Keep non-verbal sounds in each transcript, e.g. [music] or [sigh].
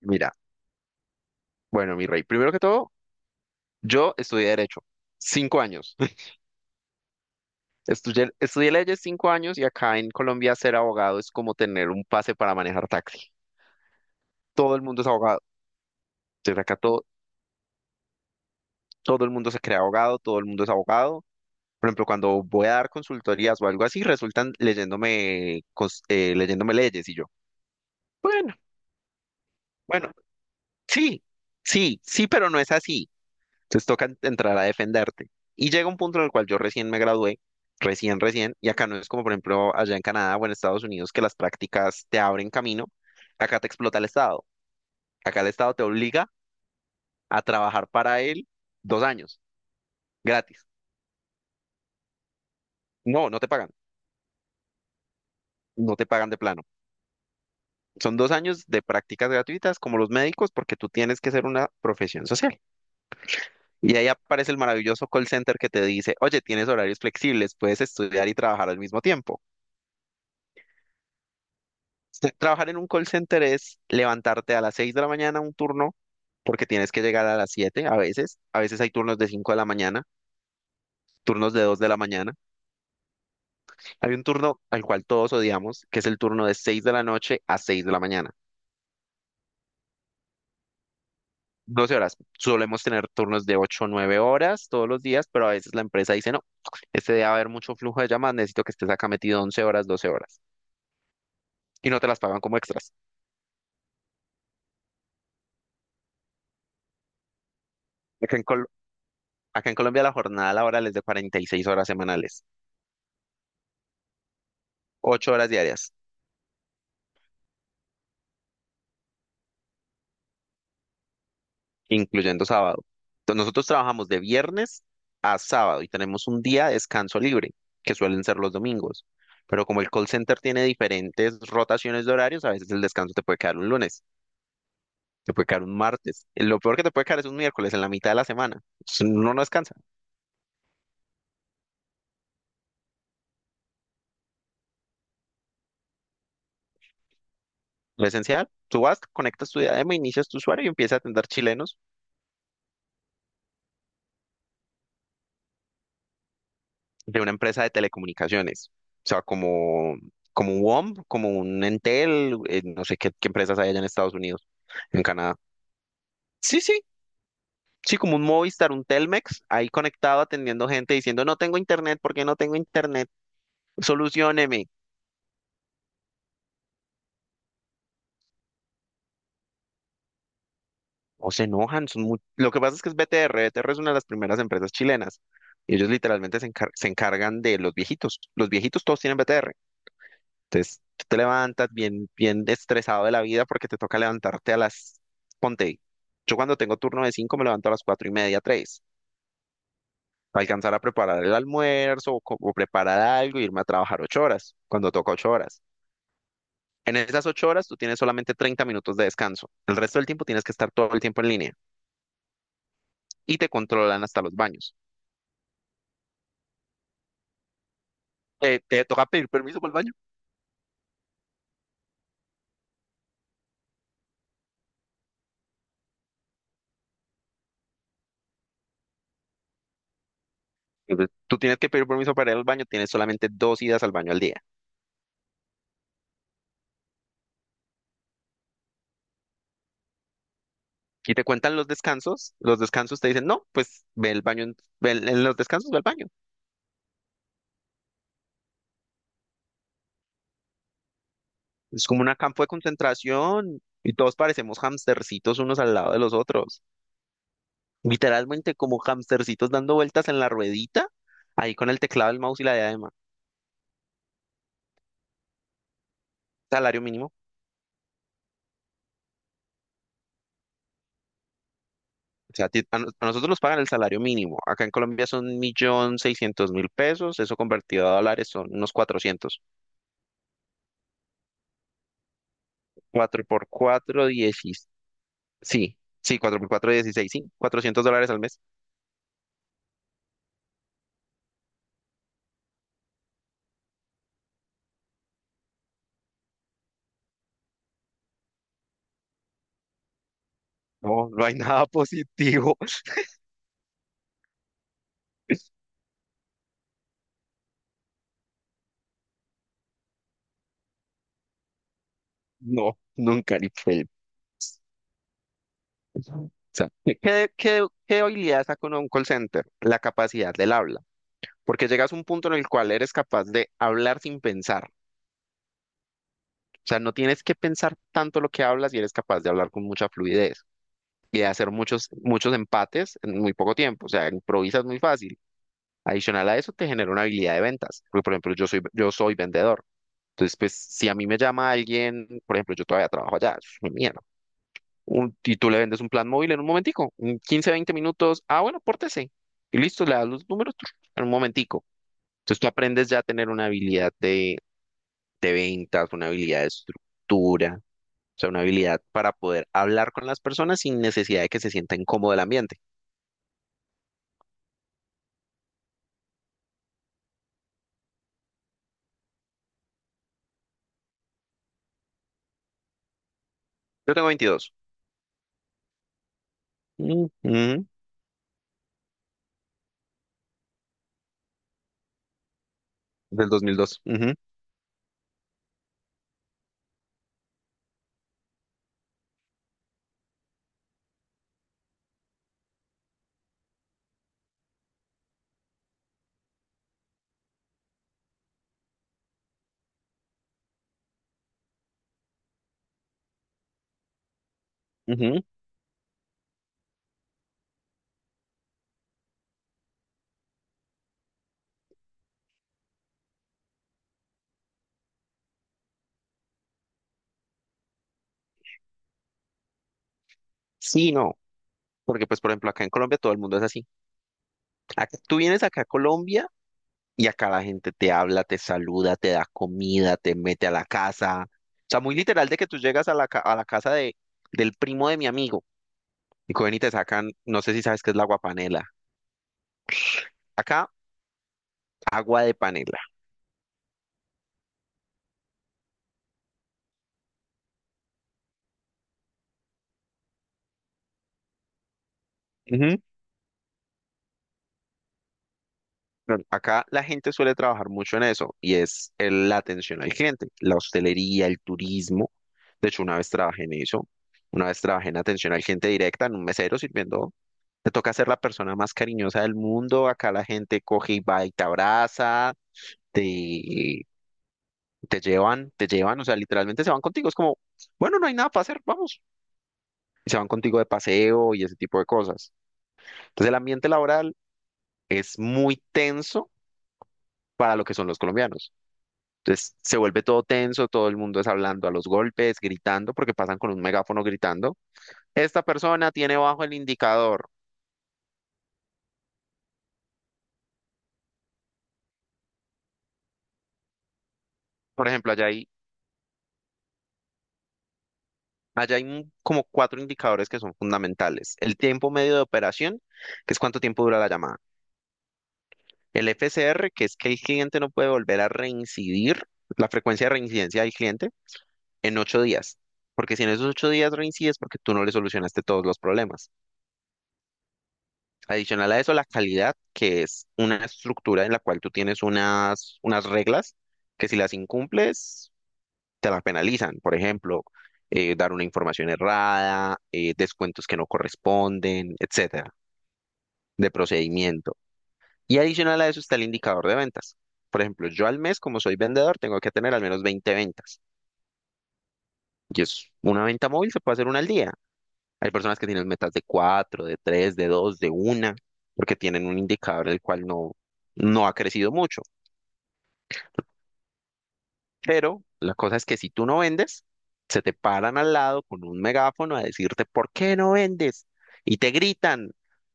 Mira, bueno, mi rey, primero que todo, yo estudié Derecho, 5 años. [laughs] Estudié leyes 5 años y acá en Colombia ser abogado es como tener un pase para manejar taxi. Todo el mundo es abogado. Desde acá todo el mundo se crea abogado, todo el mundo es abogado. Por ejemplo, cuando voy a dar consultorías o algo así, resultan leyéndome, leyéndome leyes y yo, bueno, bueno, sí, sí, sí, pero no es así. Entonces toca entrar a defenderte. Y llega un punto en el cual yo recién me gradué, recién, recién, y acá no es como por ejemplo allá en Canadá o en Estados Unidos que las prácticas te abren camino, acá te explota el Estado, acá el Estado te obliga a trabajar para él 2 años, gratis. No, no te pagan, no te pagan de plano. Son 2 años de prácticas gratuitas como los médicos porque tú tienes que ser una profesión social. Y ahí aparece el maravilloso call center que te dice, oye, tienes horarios flexibles, puedes estudiar y trabajar al mismo tiempo. Trabajar en un call center es levantarte a las 6 de la mañana un turno, porque tienes que llegar a las siete, a veces. A veces hay turnos de 5 de la mañana, turnos de 2 de la mañana. Hay un turno al cual todos odiamos, que es el turno de 6 de la noche a 6 de la mañana, doce horas. Solemos tener turnos de 8, o 9 horas todos los días, pero a veces la empresa dice, no, este día va a haber mucho flujo de llamadas, necesito que estés acá metido 11 horas, 12 horas. Y no te las pagan como extras. Acá en, Col- acá en Colombia la jornada laboral es de 46 horas semanales, 8 horas diarias. Incluyendo sábado. Entonces, nosotros trabajamos de viernes a sábado y tenemos un día de descanso libre, que suelen ser los domingos. Pero como el call center tiene diferentes rotaciones de horarios, a veces el descanso te puede quedar un lunes, te puede quedar un martes. Lo peor que te puede quedar es un miércoles en la mitad de la semana. Entonces, uno no descansa. Lo esencial, tú vas, conectas tu diadema, inicias tu usuario y empiezas a atender chilenos de una empresa de telecomunicaciones. O sea, como un WOM, como un Entel, no sé qué empresas hay allá en Estados Unidos, en Canadá. Sí, sí, sí, como un Movistar, un Telmex, ahí conectado atendiendo gente diciendo, no tengo internet, ¿por qué no tengo internet? Solucióneme. O se enojan. Lo que pasa es que es BTR, BTR es una de las primeras empresas chilenas. Y ellos literalmente se encargan de los viejitos. Los viejitos todos tienen BTR. Entonces, tú te levantas bien, bien estresado de la vida porque te toca levantarte a las. Ponte, yo cuando tengo turno de 5 me levanto a las 4 y media, 3, alcanzar a preparar el almuerzo o preparar algo, irme a trabajar 8 horas, cuando toca 8 horas. En esas 8 horas tú tienes solamente 30 minutos de descanso. El resto del tiempo tienes que estar todo el tiempo en línea y te controlan hasta los baños. Te toca pedir permiso para el baño. Entonces, tú tienes que pedir permiso para ir al baño, tienes solamente 2 idas al baño al día. Y te cuentan los descansos te dicen, no, pues ve el baño, en los descansos ve al baño. Es como un campo de concentración y todos parecemos hamstercitos unos al lado de los otros. Literalmente como hamstercitos dando vueltas en la ruedita, ahí con el teclado, el mouse y la diadema. Salario mínimo. O sea, a nosotros nos pagan el salario mínimo. Acá en Colombia son 1.600.000 pesos. Eso convertido a dólares son unos 400. Cuatro por 4 16. Sí, sí, 4 por 4 16. Sí, 400 dólares al mes. No, no hay nada positivo. [laughs] No, nunca, ni fe. O sea, ¿qué habilidad saca uno de un call center? La capacidad del habla. Porque llegas a un punto en el cual eres capaz de hablar sin pensar. O sea, no tienes que pensar tanto lo que hablas y eres capaz de hablar con mucha fluidez. Y de hacer muchos, muchos empates en muy poco tiempo. O sea, improvisas muy fácil. Adicional a eso, te genera una habilidad de ventas. Porque, por ejemplo, yo soy vendedor. Entonces, pues, si a mí me llama alguien, por ejemplo, yo todavía trabajo allá, eso es mi mierda. Y tú le vendes un plan móvil en un momentico, en 15, 20 minutos. Ah, bueno, pórtese. Y listo, le das los números tru, en un momentico. Entonces, tú aprendes ya a tener una habilidad de ventas, una habilidad de estructura, o sea, una habilidad para poder hablar con las personas sin necesidad de que se sienta incómodo el ambiente. Yo tengo 22. Ujú. Del 2002. Ujú, ujú. Sí, no, porque pues por ejemplo acá en Colombia todo el mundo es así. Tú vienes acá a Colombia y acá la gente te habla, te saluda, te da comida, te mete a la casa. O sea, muy literal de que tú llegas a la casa del primo de mi amigo y cogen y te sacan, no sé si sabes qué es la aguapanela. Acá, agua de panela. Ujú. Pero acá la gente suele trabajar mucho en eso y la atención al cliente, la hostelería, el turismo. De hecho, una vez trabajé en eso, una vez trabajé en atención al cliente directa, en un mesero sirviendo. Te toca ser la persona más cariñosa del mundo. Acá la gente coge y va y te abraza, te, te llevan, te llevan, o sea, literalmente se van contigo. Es como, bueno, no hay nada para hacer, vamos. Y se van contigo de paseo y ese tipo de cosas. Entonces, el ambiente laboral es muy tenso para lo que son los colombianos. Entonces, se vuelve todo tenso, todo el mundo es hablando a los golpes, gritando, porque pasan con un megáfono gritando. Esta persona tiene bajo el indicador. Por ejemplo, como cuatro indicadores que son fundamentales. El tiempo medio de operación, que es cuánto tiempo dura la llamada. El FCR, que es que el cliente no puede volver a reincidir, la frecuencia de reincidencia del cliente, en 8 días. Porque si en esos 8 días reincides, porque tú no le solucionaste todos los problemas. Adicional a eso, la calidad, que es una estructura en la cual tú tienes unas reglas que si las incumples, te la penalizan. Por ejemplo, dar una información errada, descuentos que no corresponden, etcétera, de procedimiento. Y adicional a eso está el indicador de ventas. Por ejemplo, yo al mes, como soy vendedor, tengo que tener al menos 20 ventas. Y es una venta móvil, se puede hacer una al día. Hay personas que tienen metas de 4, de 3, de 2, de una, porque tienen un indicador el cual no, no ha crecido mucho. Pero la cosa es que si tú no vendes, se te paran al lado con un megáfono a decirte, ¿por qué no vendes? Y te gritan.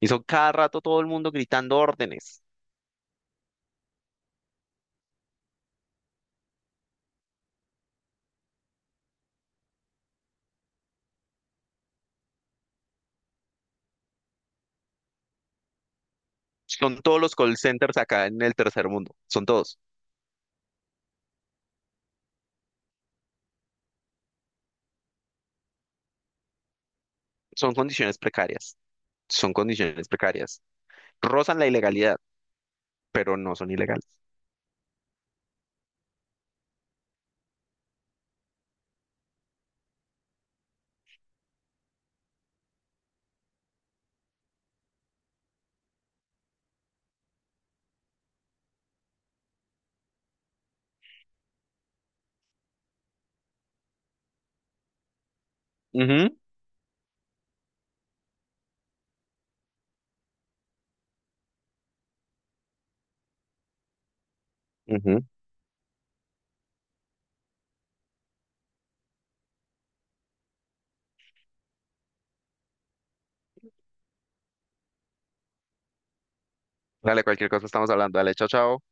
Y son cada rato todo el mundo gritando órdenes. Son todos los call centers acá en el tercer mundo. Son todos. Son condiciones precarias. Son condiciones precarias. Rozan la ilegalidad, pero no son ilegales. Ujú, ujú. Dale, cualquier cosa estamos hablando. Dale, chao, chao.